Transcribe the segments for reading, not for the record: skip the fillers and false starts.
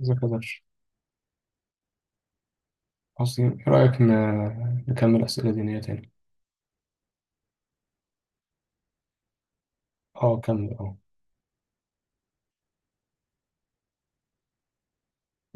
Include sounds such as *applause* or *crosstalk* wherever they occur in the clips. إذا كدرش أصلي، إيه رأيك نكمل أسئلة دينية تاني؟ أه، كمل أه.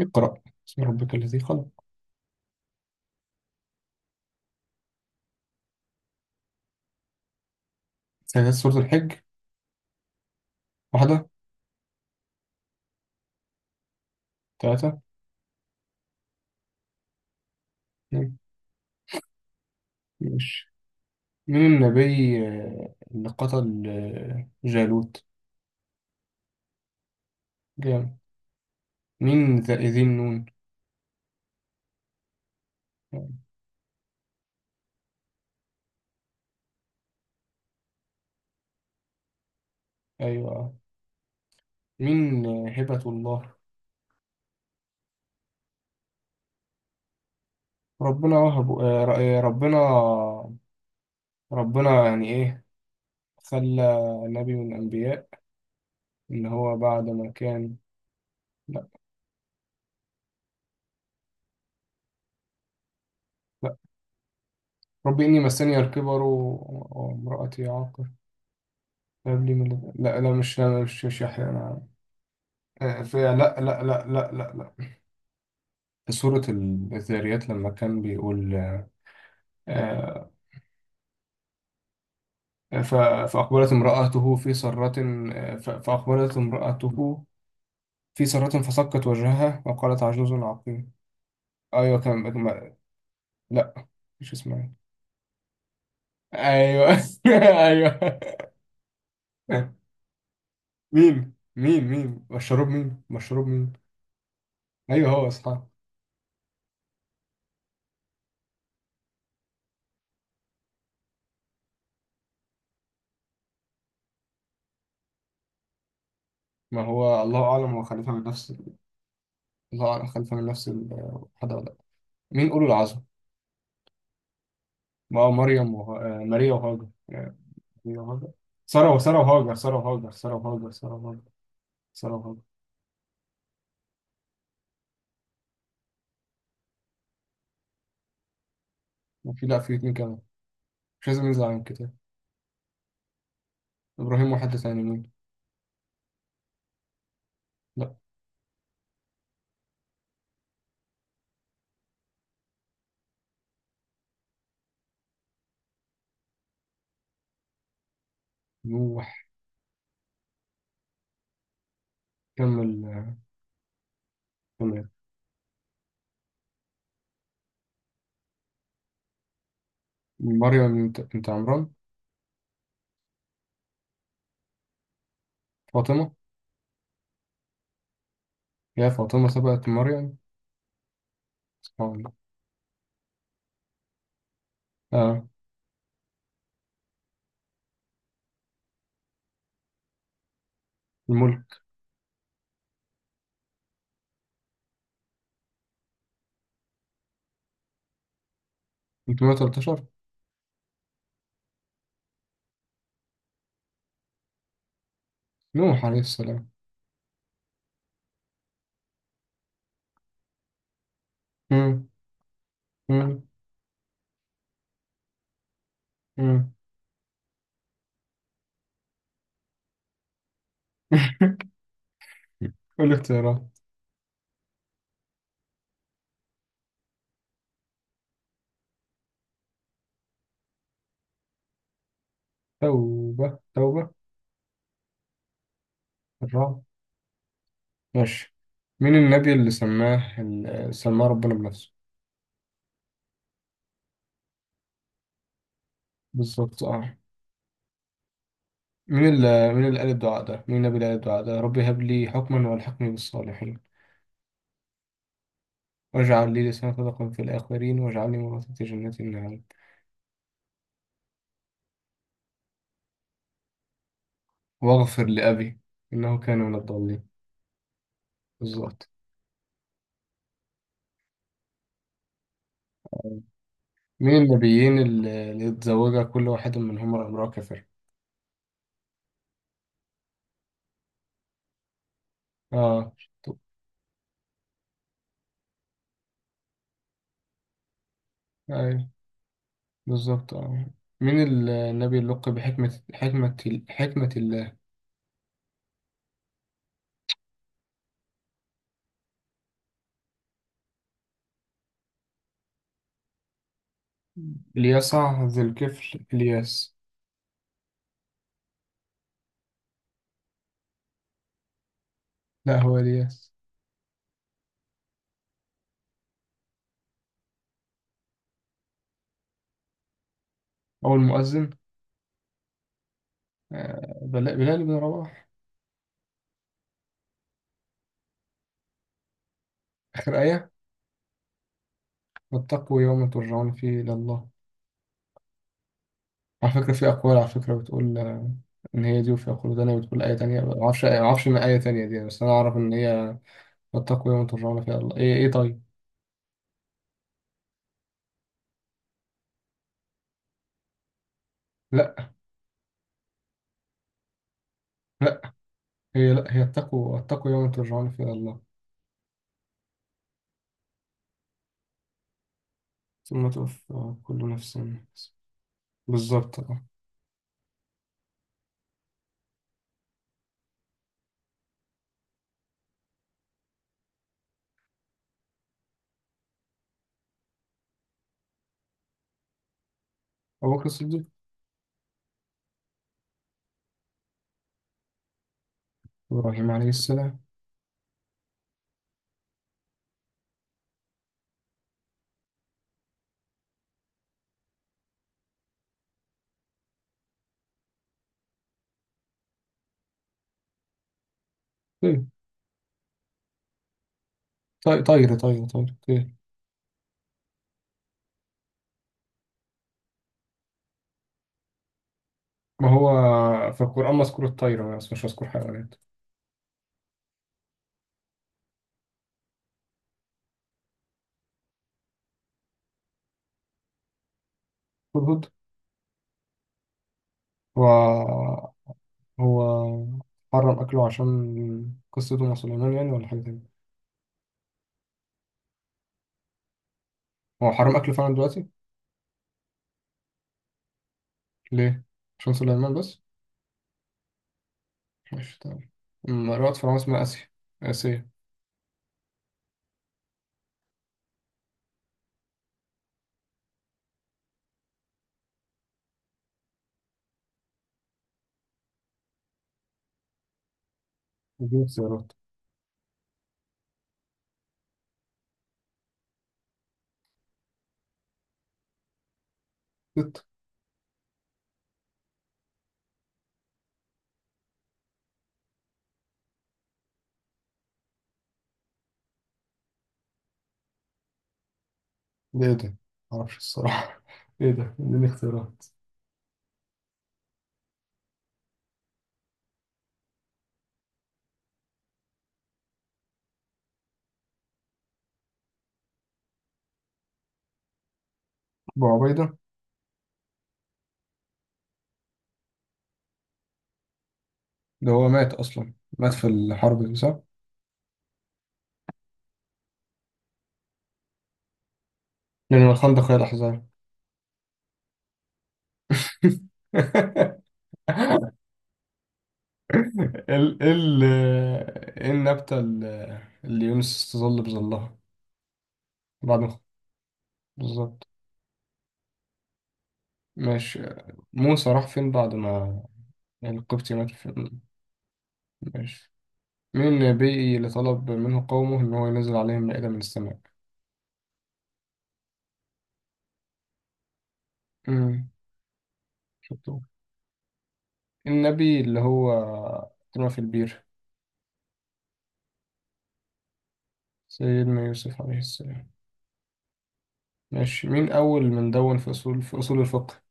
اقرأ بسم ربك الذي خلق. سيدات سورة الحج واحدة، ثلاثة، اتنين. ماشي، مين النبي اللي قتل جالوت؟ جامد. مين ذا ذي النون؟ أيوة. مين هبة الله؟ ربنا وهب ربنا. ربنا يعني إيه، خلى نبي من الأنبياء، إن هو بعد ما كان. لا، رب إني مسني الكبر وامرأتي عاقر، فهب لي من لدن- لا لا، مش يحيى أنا. في، لا لا لا لا، لا لا، في سورة الذاريات لما كان بيقول آه، ف- فأقبلت امرأته في سرة. فأقبلت امرأته في سرة فصكت وجهها وقالت عجوز عقيم. أيوة، كان لا، مش اسمها. أيوة *laughs* أيوة. مين مشروب مين. أيوة، هو أصحاب. ما هو الله أعلم، هو خليفة من نفس. الله أعلم، خليفة من نفس الحد ولا لأ. مين أولو العزم؟ ما هو مريم وه... آه، ماريا وهاجر ماريا وهاجر. سارة، وسارة وهاجر، سارة وهاجر، سارة وهاجر، سارة وهاجر، سارة وهاجر. وفي، لأ، في اتنين كمان. مش لازم ننزل عن الكتاب. إبراهيم وحد تاني مين؟ لأ، نوح. كمل، كمل. مريم بنت عمران. فاطمة. يا فاطمة سبقت مريم؟ سبحان الله. آه، الملك. 313. نوح عليه السلام. مم. مم. مم. *laughs* كل اختيارات. توبة، توبة. الرعد. ماشي، مين النبي اللي سماه، اللي سماه ربنا بنفسه؟ بالظبط اه. مين اللي قال الدعاء ده، مين النبي اللي قال الدعاء ده؟ ربي هب لي حكما والحقني بالصالحين، واجعل لي لسان صدق في الآخرين، واجعلني ورثة جنة النعيم، واغفر لأبي إنه كان من الضالين. بالظبط. مين النبيين اللي اتزوجها كل واحد منهم امرأة كافرة؟ اه. طب. أيوة، بالظبط اه. مين النبي اللي لقب بحكمة، حكمة، حكمة؟ اليسع، ذي الكفل، الياس. لا، هو الياس. أو المؤذن؟ بلال بن رباح. آخر آية واتقوا يوم ترجعون فيه إلى الله. على فكرة، في أقوال على فكرة بتقول إن هي دي، وفي أقوال تانية بتقول آية تانية، معرفش، معرفش من آية تانية دي، بس أنا أعرف إن هي واتقوا يوم ترجعون فيه إلى الله، إيه، إيه، طيب. لا. لا لا هي اتقوا يوم ترجعون فيه إلى الله، ثم توفى كل نفس ما كسبت. بالظبط آه. أبو بكر الصديق. إبراهيم عليه السلام. طيب، طير طير. ما هو في القرآن مذكور الطير بس، مش مذكور حيوانات. هدهد. هو. هو حرم أكله عشان قصته مع سليمان يعني، ولا حاجة تانية؟ هو حرم أكله فعلا دلوقتي. ليه؟ عشان سليمان بس؟ ماشي، تمام. أم رأت فرعون اسمها آسيا، آسيا. اديني اختيارات. ست. ده ايه ده؟ معرفش الصراحة *laughs* ايه ده؟ اديني اختيارات. أبو عبيدة. ده هو مات أصلا، مات في الحرب دي صح؟ لأن الخندق هي الأحزاب. *laughs* ال ال ايه النبتة اللي يونس استظل بظلها بعد ما؟ بالظبط. ماشي. موسى راح فين بعد ما القبطي مات، فين؟ ماشي، مين النبي اللي طلب منه قومه إن هو ينزل عليهم مائدة من السماء؟ امم، شطور. النبي اللي هو اترمى في البير؟ سيدنا يوسف عليه السلام. ماشي، مين أول من دون في أصول الفقه؟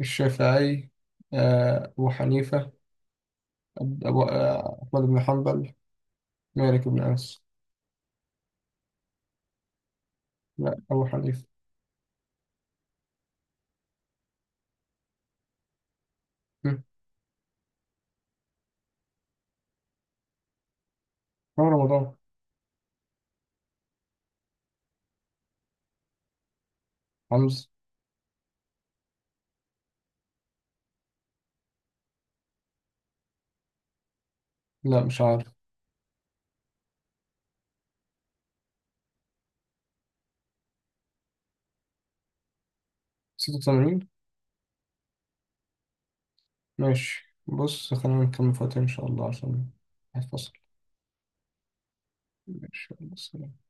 الشافعي، أبو حنيفة، أبو أحمد بن حنبل، مالك بن أنس. لا، أبو حنيفة. مم. هو رمضان. حمزة. لا، مش عارف. 86. ماشي، بص، خلينا نكمل فاتن إن شاء الله، عشان هتفصل. ماشي، يلا، سلام.